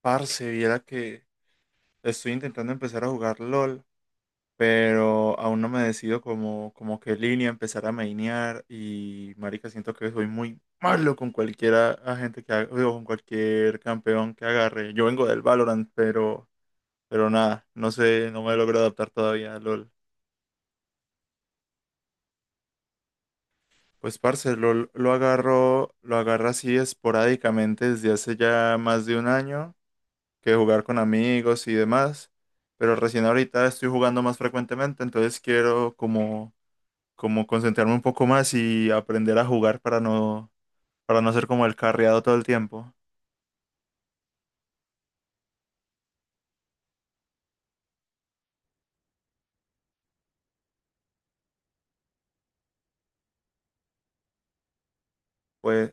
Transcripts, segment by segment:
Parce, viera que estoy intentando empezar a jugar LOL, pero aún no me decido como qué línea empezar a mainear y marica, siento que soy muy malo con cualquiera agente que haga, digo, con cualquier campeón que agarre. Yo vengo del Valorant, pero nada, no sé, no me logro adaptar todavía a LOL. Pues parce, LOL lo agarro así esporádicamente desde hace ya más de un año. Que jugar con amigos y demás, pero recién ahorita estoy jugando más frecuentemente, entonces quiero como concentrarme un poco más y aprender a jugar para no ser como el carriado todo el tiempo. Pues,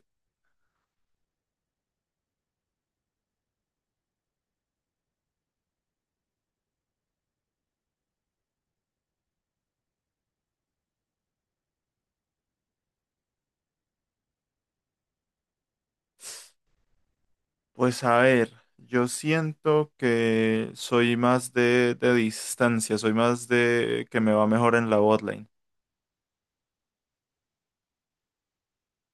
pues a ver, yo siento que soy más de distancia, soy más de que me va mejor en la botlane,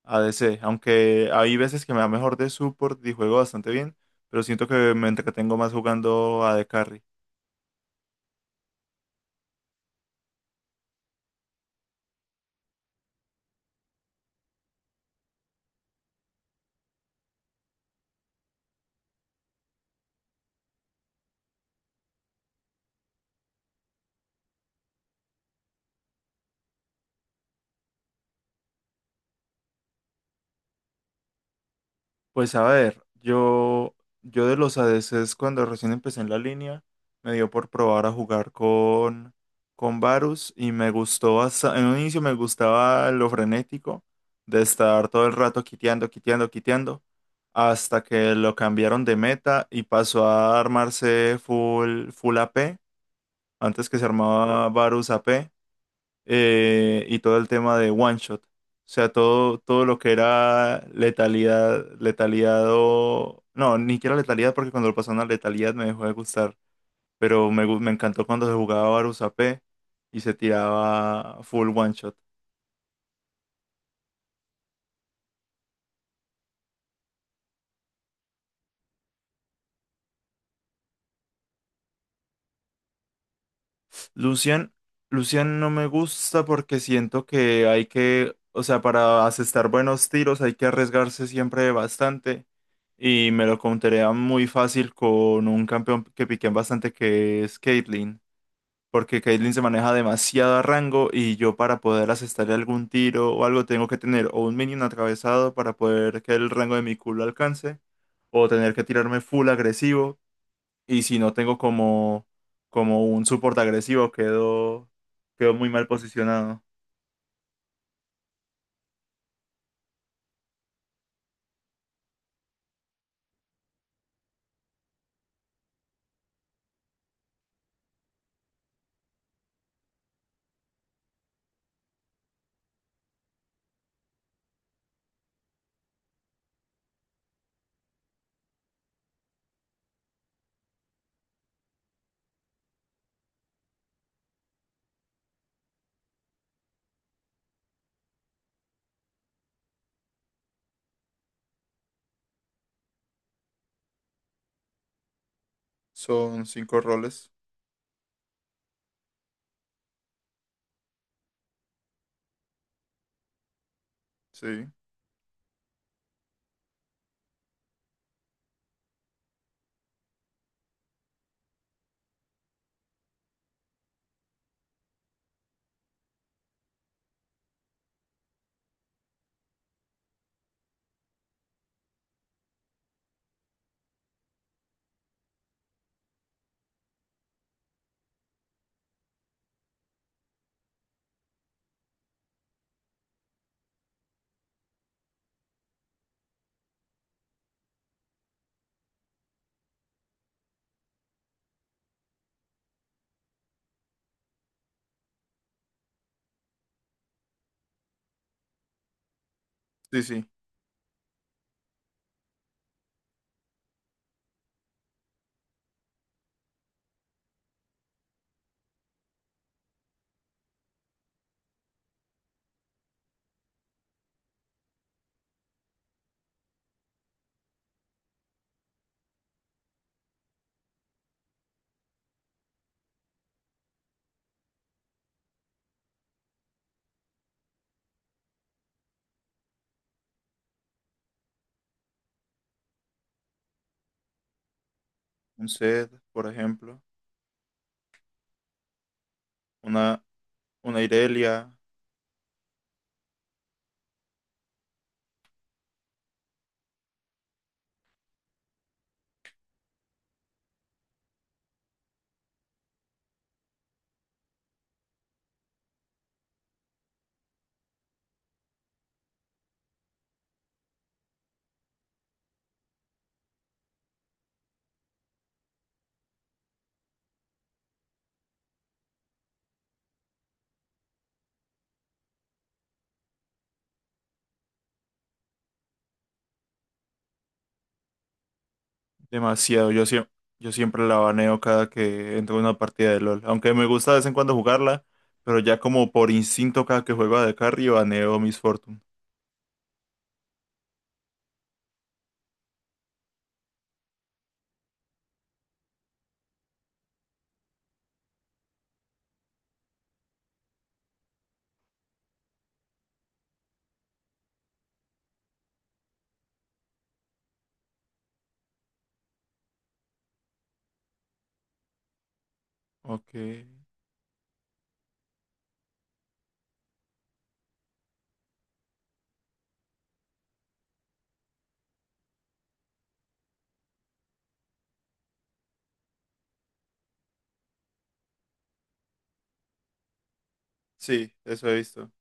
ADC, aunque hay veces que me va mejor de support y juego bastante bien, pero siento que me entretengo más jugando AD Carry. Pues a ver, yo de los ADCs cuando recién empecé en la línea, me dio por probar a jugar con Varus y me gustó. Hasta, en un inicio me gustaba lo frenético de estar todo el rato quiteando, quiteando, quiteando, hasta que lo cambiaron de meta y pasó a armarse full, full a p, antes que se armaba Varus A p, y todo el tema de One Shot. O sea, todo lo que era letalidad, letalidad o... No, ni siquiera letalidad, porque cuando lo pasaron a letalidad me dejó de gustar. Pero me encantó cuando se jugaba Varus AP y se tiraba full One Shot. Lucian, Lucian no me gusta porque siento que hay que... O sea, para asestar buenos tiros hay que arriesgarse siempre bastante. Y me lo counterea muy fácil con un campeón que piquean bastante que es Caitlyn. Porque Caitlyn se maneja demasiado a rango, y yo para poder asestarle algún tiro o algo tengo que tener o un minion atravesado para poder que el rango de mi culo alcance, o tener que tirarme full agresivo, y si no tengo como un support agresivo, quedo, quedo muy mal posicionado. Son cinco roles, sí, sí, sí. Un Zed, por ejemplo, una, una Irelia. Demasiado. Yo siempre la baneo cada que entro en una partida de LOL. Aunque me gusta de vez en cuando jugarla, pero ya como por instinto, cada que juego a de carry baneo Miss Fortune. Ok. Sí, eso he visto.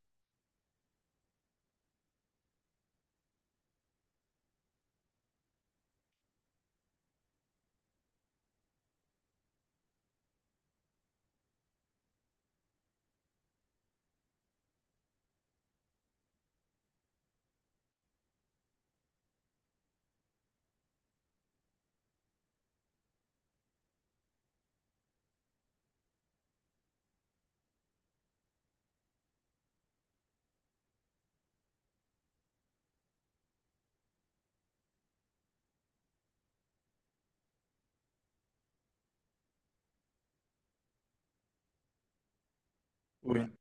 Uy,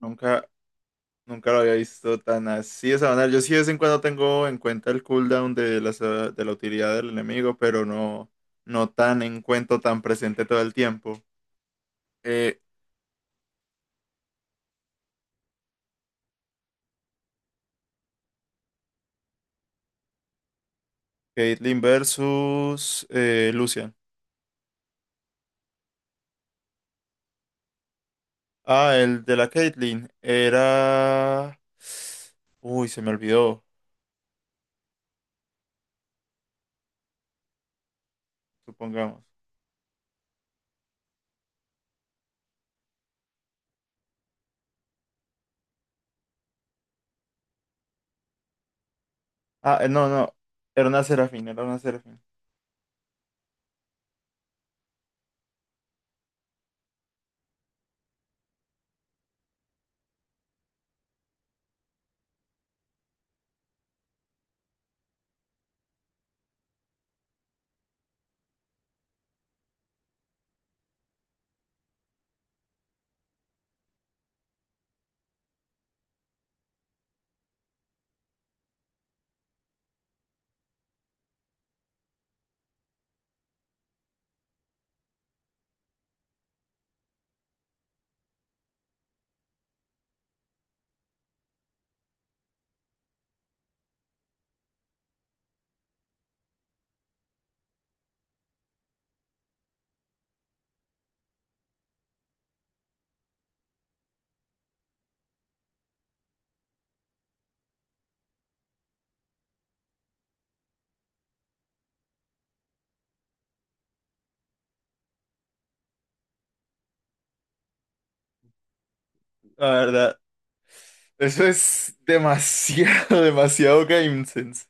nunca, nunca lo había visto tan así esa manera. Yo sí de vez en cuando tengo en cuenta el cooldown de la utilidad del enemigo, pero no, no tan en cuenta, tan presente todo el tiempo. Eh, Caitlyn versus Lucian. Ah, el de la Caitlyn era... Uy, se me olvidó, supongamos. Ah, no, no. Era una Serafín, era una Serafín. La verdad, eso es demasiado, demasiado game sense.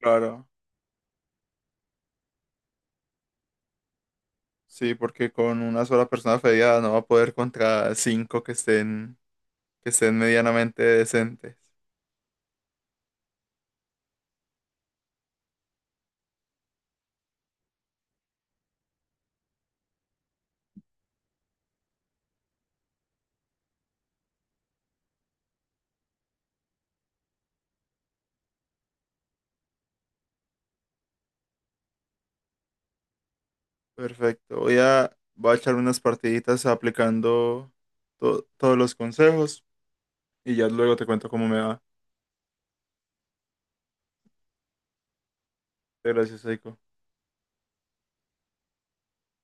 Claro. Sí, porque con una sola persona fedeada no va a poder contra cinco que estén, medianamente decentes. Perfecto. Voy a echar unas partiditas aplicando todos los consejos y ya luego te cuento cómo me va. Gracias, Aiko.